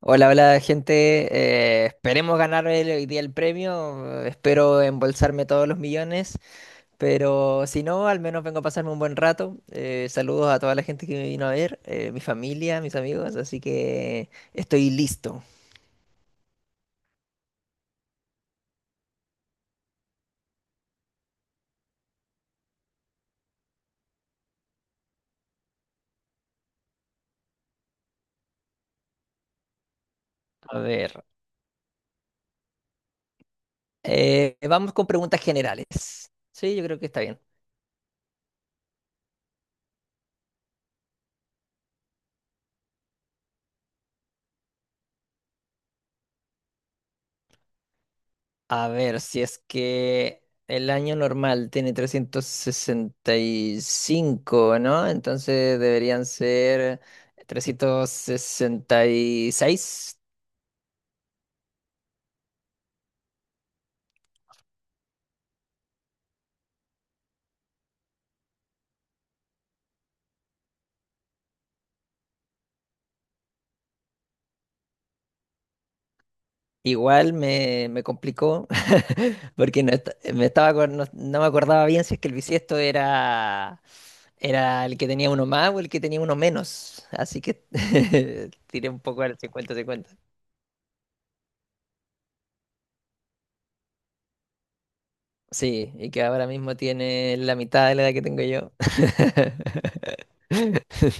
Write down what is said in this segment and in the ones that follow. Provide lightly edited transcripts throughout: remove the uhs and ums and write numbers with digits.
Hola, hola gente. Esperemos ganar hoy día el premio. Espero embolsarme todos los millones. Pero si no, al menos vengo a pasarme un buen rato. Saludos a toda la gente que me vino a ver, mi familia, mis amigos. Así que estoy listo. A ver, vamos con preguntas generales. Sí, yo creo que está bien. A ver, si es que el año normal tiene 365, ¿no? Entonces deberían ser 366. Igual me complicó porque no, me estaba, no me acordaba bien si es que el bisiesto era, era el que tenía uno más o el que tenía uno menos. Así que tiré un poco al 50 50. Sí, y que ahora mismo tiene la mitad de la edad que tengo yo.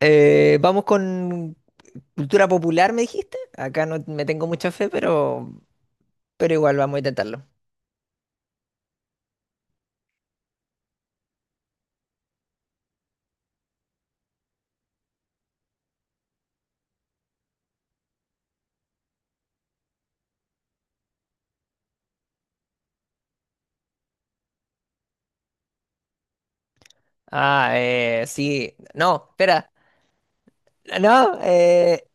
Vamos con cultura popular, me dijiste. Acá no me tengo mucha fe, pero igual vamos a intentarlo. Ah, sí. No, espera. No,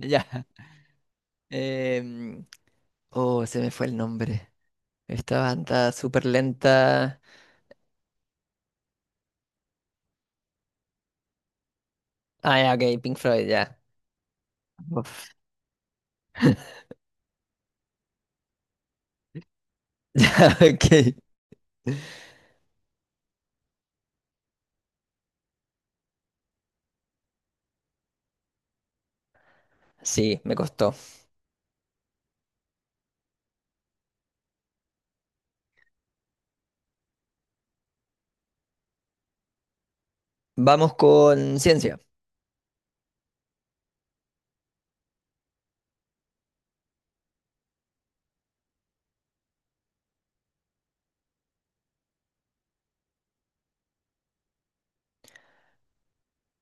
ya. em, oh, se me fue el nombre. Esta banda súper lenta. Ah, ya, ok, Pink Floyd, ya. Uf. Ok. Sí, me costó. Vamos con ciencia.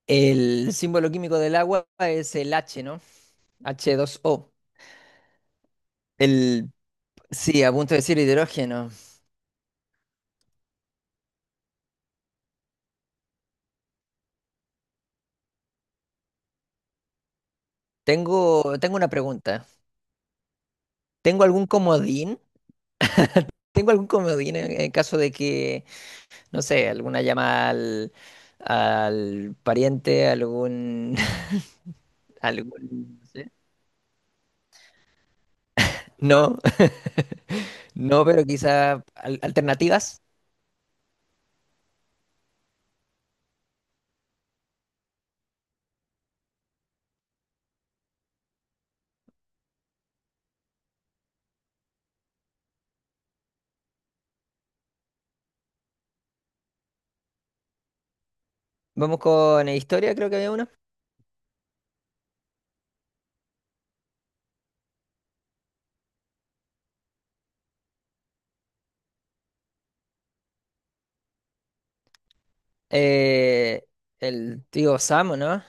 El símbolo químico del agua es el H, ¿no? H2O. El, sí, a punto de decir hidrógeno. Tengo, tengo una pregunta. ¿Tengo algún comodín? ¿Tengo algún comodín en caso de que, no sé, alguna llama al, al pariente, algún, algún, no sé. No, no, pero quizá alternativas. Vamos con historia, creo que había una. Eh, el tío Sam, ¿o ¿no?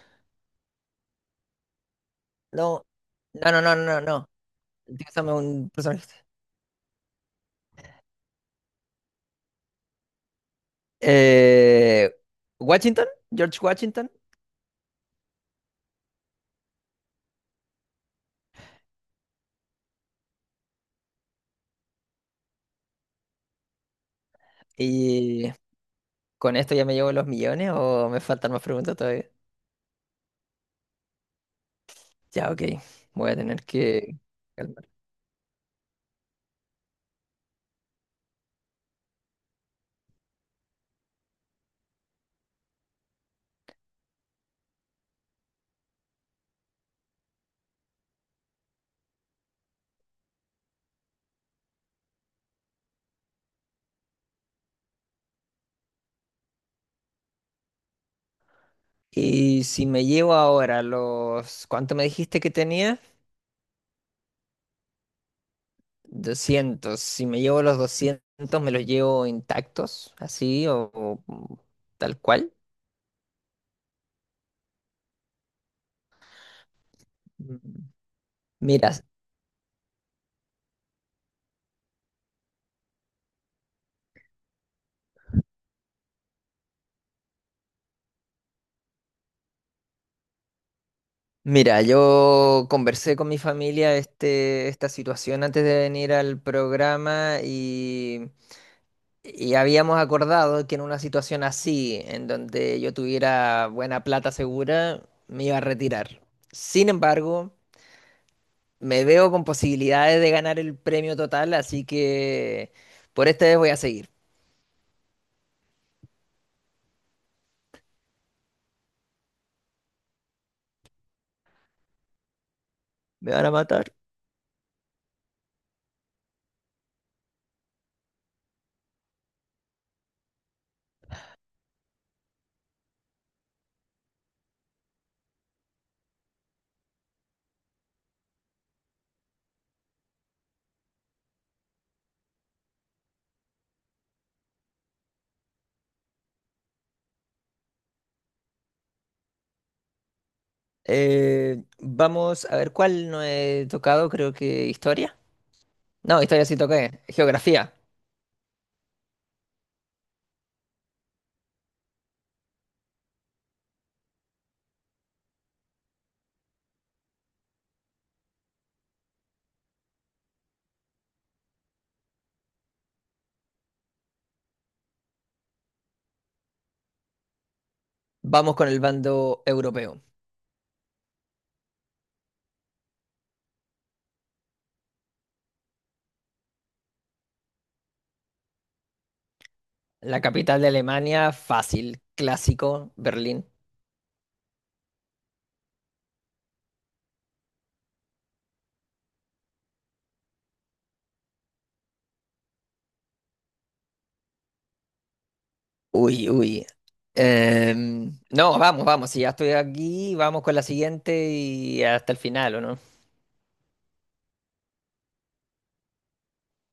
No, no, no, no, no, no. Dígame un personaje. Eh, Washington, George Washington. ¿Y con esto ya me llevo los millones o me faltan más preguntas todavía? Ya, ok. Voy a tener que calmar. Y si me llevo ahora los... ¿Cuánto me dijiste que tenía? 200. Si me llevo los 200, ¿me los llevo intactos? ¿Así o tal cual? Mm. Mira, Mira, yo conversé con mi familia este, esta situación antes de venir al programa y habíamos acordado que en una situación así, en donde yo tuviera buena plata segura, me iba a retirar. Sin embargo, me veo con posibilidades de ganar el premio total, así que por esta vez voy a seguir. Me van a matar. Vamos a ver cuál no he tocado, creo que historia. No, historia sí toqué, geografía. Vamos con el bando europeo. La capital de Alemania, fácil, clásico, Berlín. Uy, uy. No, vamos, vamos. Si ya estoy aquí, vamos con la siguiente y hasta el final, ¿o no?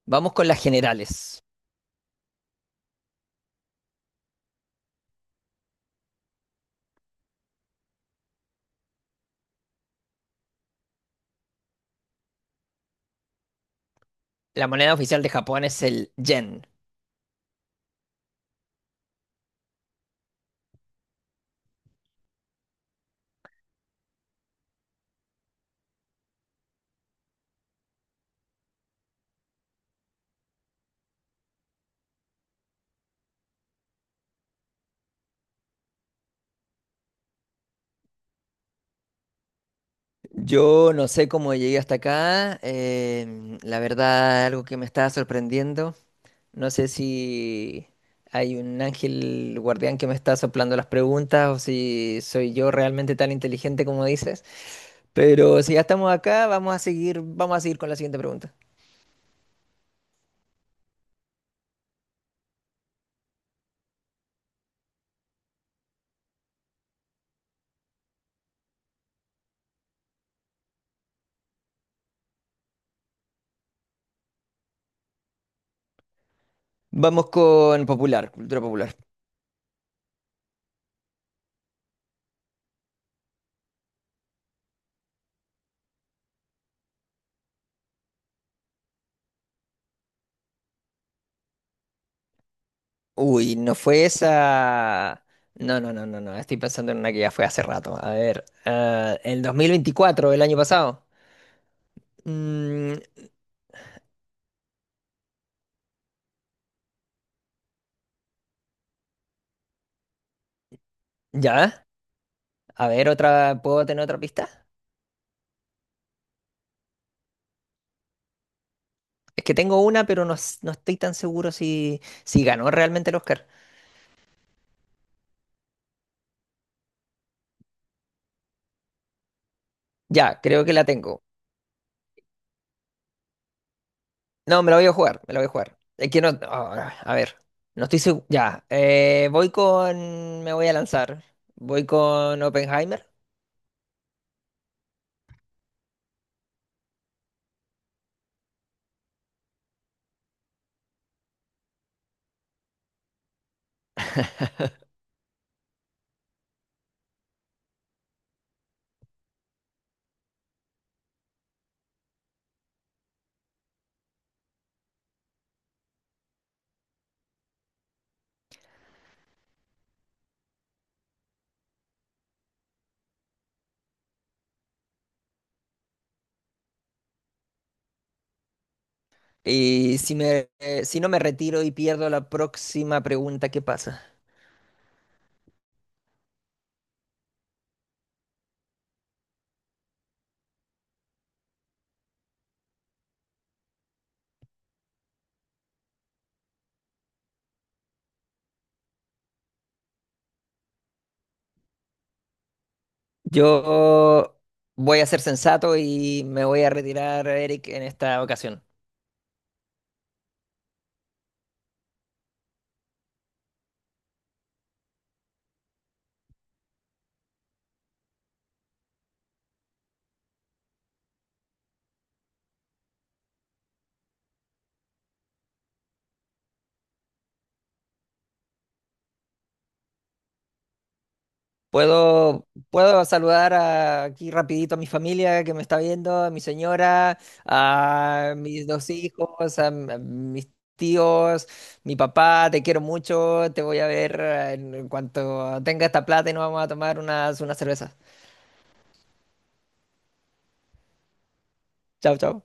Vamos con las generales. La moneda oficial de Japón es el yen. Yo no sé cómo llegué hasta acá. La verdad, algo que me estaba sorprendiendo. No sé si hay un ángel guardián que me está soplando las preguntas o si soy yo realmente tan inteligente como dices, pero si ya estamos acá, vamos a seguir con la siguiente pregunta. Vamos con popular, cultura popular. Uy, no fue esa. No, no, no, no, no. Estoy pensando en una que ya fue hace rato. A ver, ah, el 2024, el año pasado. Mm, ya, a ver, otra, ¿puedo tener otra pista? Es que tengo una, pero no, no estoy tan seguro si, si ganó realmente el Oscar. Ya, creo que la tengo. No, me la voy a jugar, me la voy a jugar. Es que no, ah, a ver, no estoy seguro. Ya, voy con, me voy a lanzar. Voy con Oppenheimer. Y si me, si no me retiro y pierdo la próxima pregunta, ¿qué pasa? Yo voy a ser sensato y me voy a retirar, Eric, en esta ocasión. Puedo saludar aquí rapidito a mi familia que me está viendo, a mi señora, a mis 2 hijos, a, a mis tíos, mi papá, te quiero mucho, te voy a ver en cuanto tenga esta plata y nos vamos a tomar unas, unas cervezas. Chao, chao.